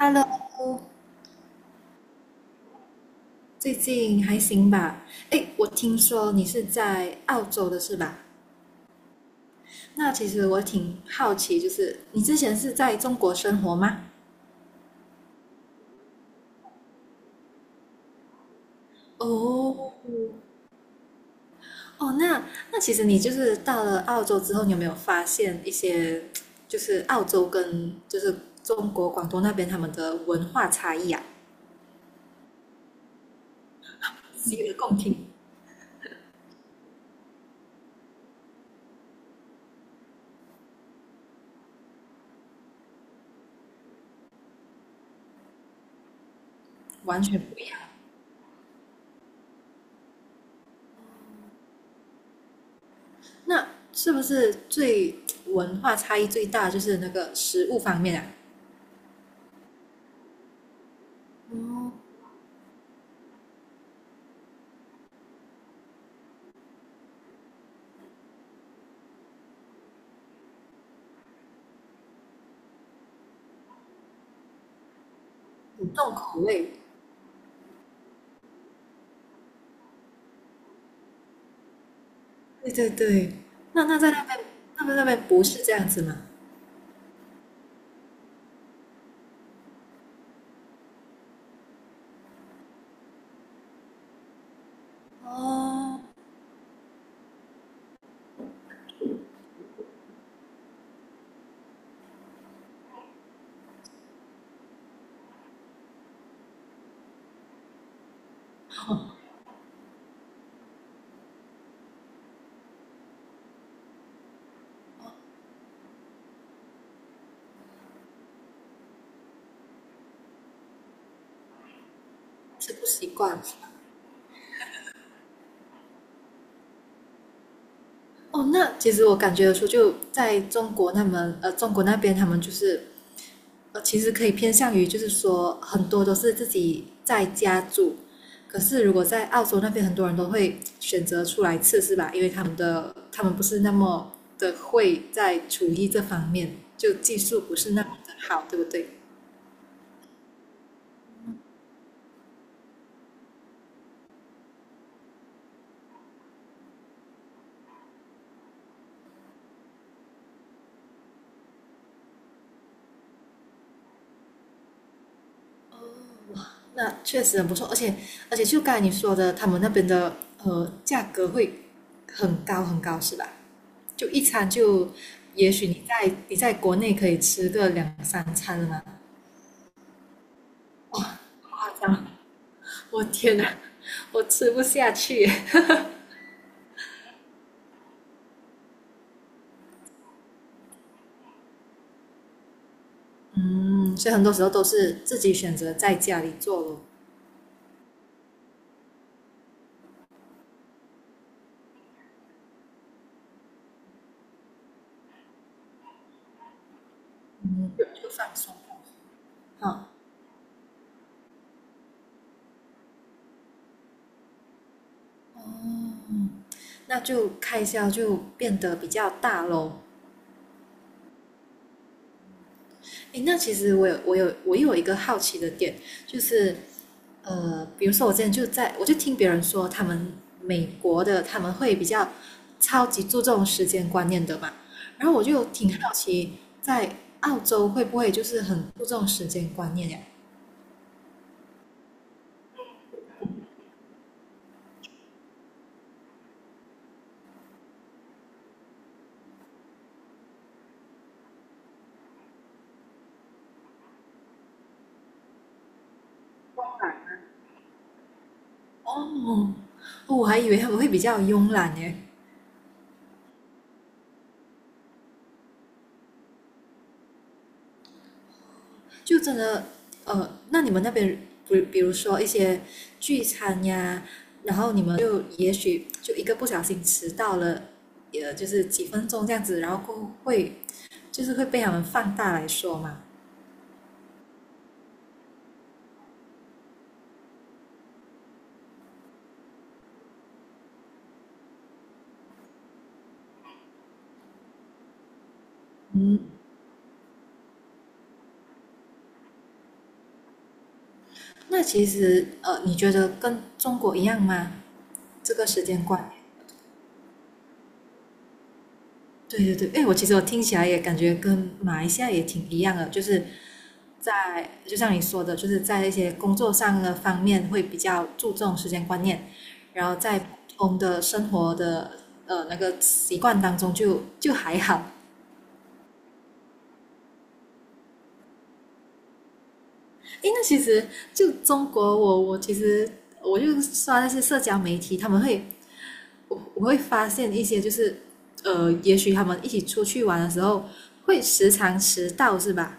Hello，最近还行吧？诶，我听说你是在澳洲的是吧？那其实我挺好奇，就是你之前是在中国生活吗？哦，哦，那那其实你到了澳洲之后，你有没有发现一些就是澳洲跟就是中国广东那边他们的文化差异啊？洗耳恭听，完全不一样。那是不是最文化差异最大就是那个食物方面啊？哦，很重口味。对对对，那在那边，那边不是这样子吗？哦，是不习惯。哦，那其实我感觉得出，就在中国那么中国那边他们就是其实可以偏向于就是说很多都是自己在家住，可是如果在澳洲那边，很多人都会选择出来吃，是吧？因为他们不是那么的会在厨艺这方面，就技术不是那么的好，对不对？那确实很不错，而且就刚才你说的，他们那边的价格会很高很高，是吧？就一餐就，也许你在国内可以吃个两三餐了嘛，夸张，我天哪，我吃不下去。嗯，所以很多时候都是自己选择在家里做咯。嗯，好，哦，那就开销就变得比较大咯。诶，那其实我有一个好奇的点，就是比如说我之前就在我就听别人说，他们美国的他们会比较超级注重时间观念的嘛，然后我就挺好奇，在澳洲会不会就是很注重时间观念呀？哦，哦我还以为他们会比较慵懒耶。就真的那你们那边比如说一些聚餐呀，然后你们就也许就一个不小心迟到了，就是几分钟这样子，然后会就是会被他们放大来说嘛。那其实你觉得跟中国一样吗？这个时间观念？对对对，哎，我其实我听起来也感觉跟马来西亚也挺一样的，就是在就像你说的，就是在一些工作上的方面会比较注重时间观念，然后在普通的生活的那个习惯当中就还好。哎，那其实就中国我，我其实我就刷那些社交媒体，他们会我会发现一些就是也许他们一起出去玩的时候会时常迟到，是吧？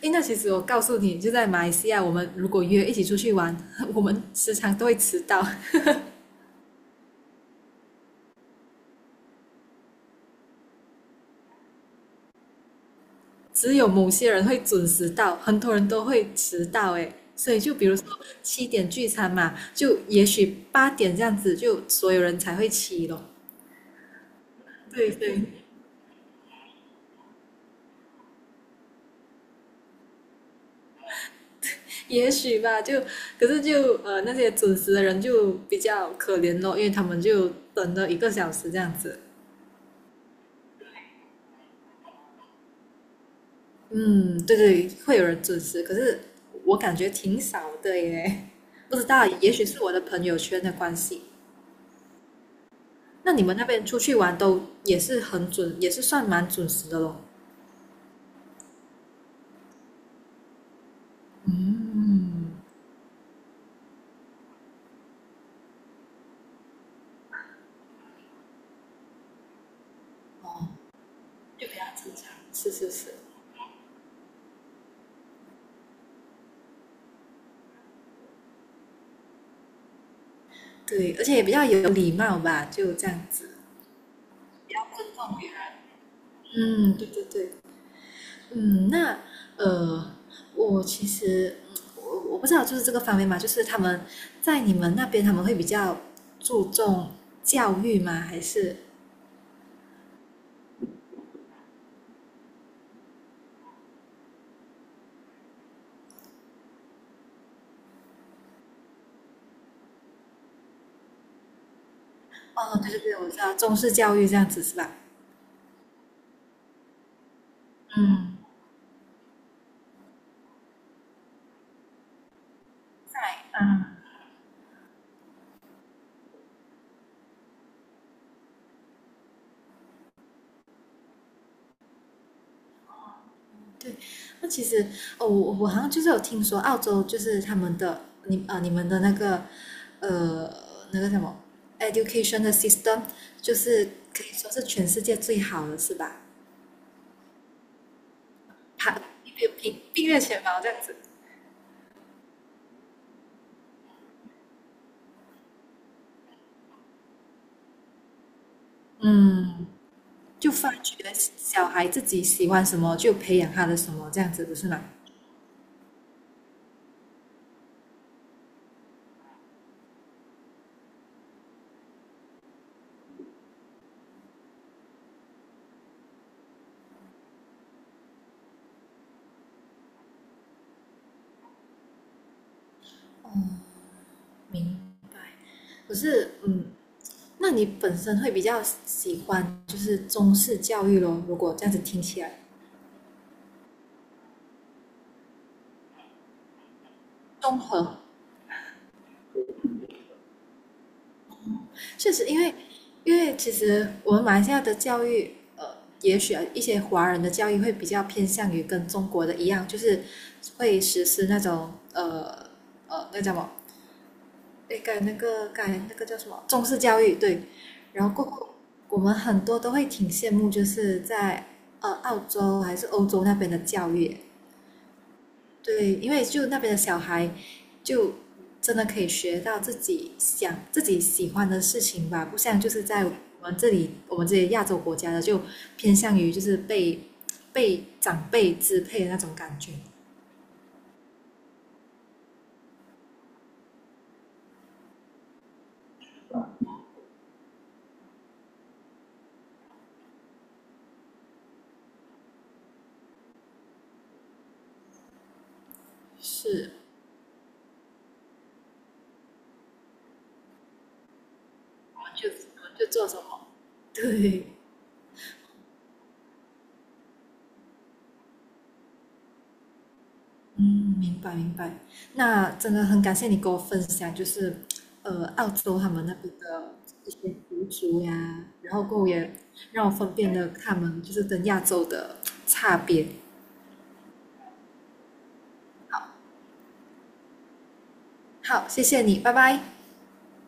诶，那其实我告诉你，就在马来西亚，我们如果约一起出去玩，我们时常都会迟到，只有某些人会准时到，很多人都会迟到。诶，所以就比如说7点聚餐嘛，就也许8点这样子，就所有人才会起咯。对对，也许吧，就可是就那些准时的人就比较可怜咯，因为他们就等了1个小时这样子。嗯，对对，会有人准时，可是我感觉挺少的耶，不知道，也许是我的朋友圈的关系。那你们那边出去玩都也是很准，也是算蛮准时的咯。嗯，比较正常。是是是，对，而且也比较有礼貌吧，就这样子。嗯，对对对，嗯，那呃，我其实我我不知道，就是这个方面嘛，就是他们在你们那边他们会比较注重教育吗？还是哦，对对对，我知道中式教育这样子是吧？嗯，嗯，对。那其实哦，我我好像就是有听说澳洲就是他们的你啊、你们的那个呃那个什么 education 的 system，就是可以说是全世界最好的是吧？排并列前茅这样子，嗯，就发觉小孩自己喜欢什么，就培养他的什么这样子，不是吗？明白。可是，嗯，那你本身会比较喜欢就是中式教育咯？如果这样子听起来，综合确实，因为其实我们马来西亚的教育，也许一些华人的教育会比较偏向于跟中国的一样，就是会实施那种那叫什么？那改那个改那个叫什么中式教育对，然后过后我们很多都会挺羡慕，就是在澳洲还是欧洲那边的教育，对，因为就那边的小孩，就真的可以学到自己想、自己喜欢的事情吧，不像就是在我们这里，我们这些亚洲国家的就偏向于就是被长辈支配的那种感觉。是，我们就做什么？对，嗯，明白明白。那真的很感谢你跟我分享，就是澳洲他们那边的一些习俗呀，然后跟我也让我分辨了他们就是跟亚洲的差别。好，谢谢你，拜拜。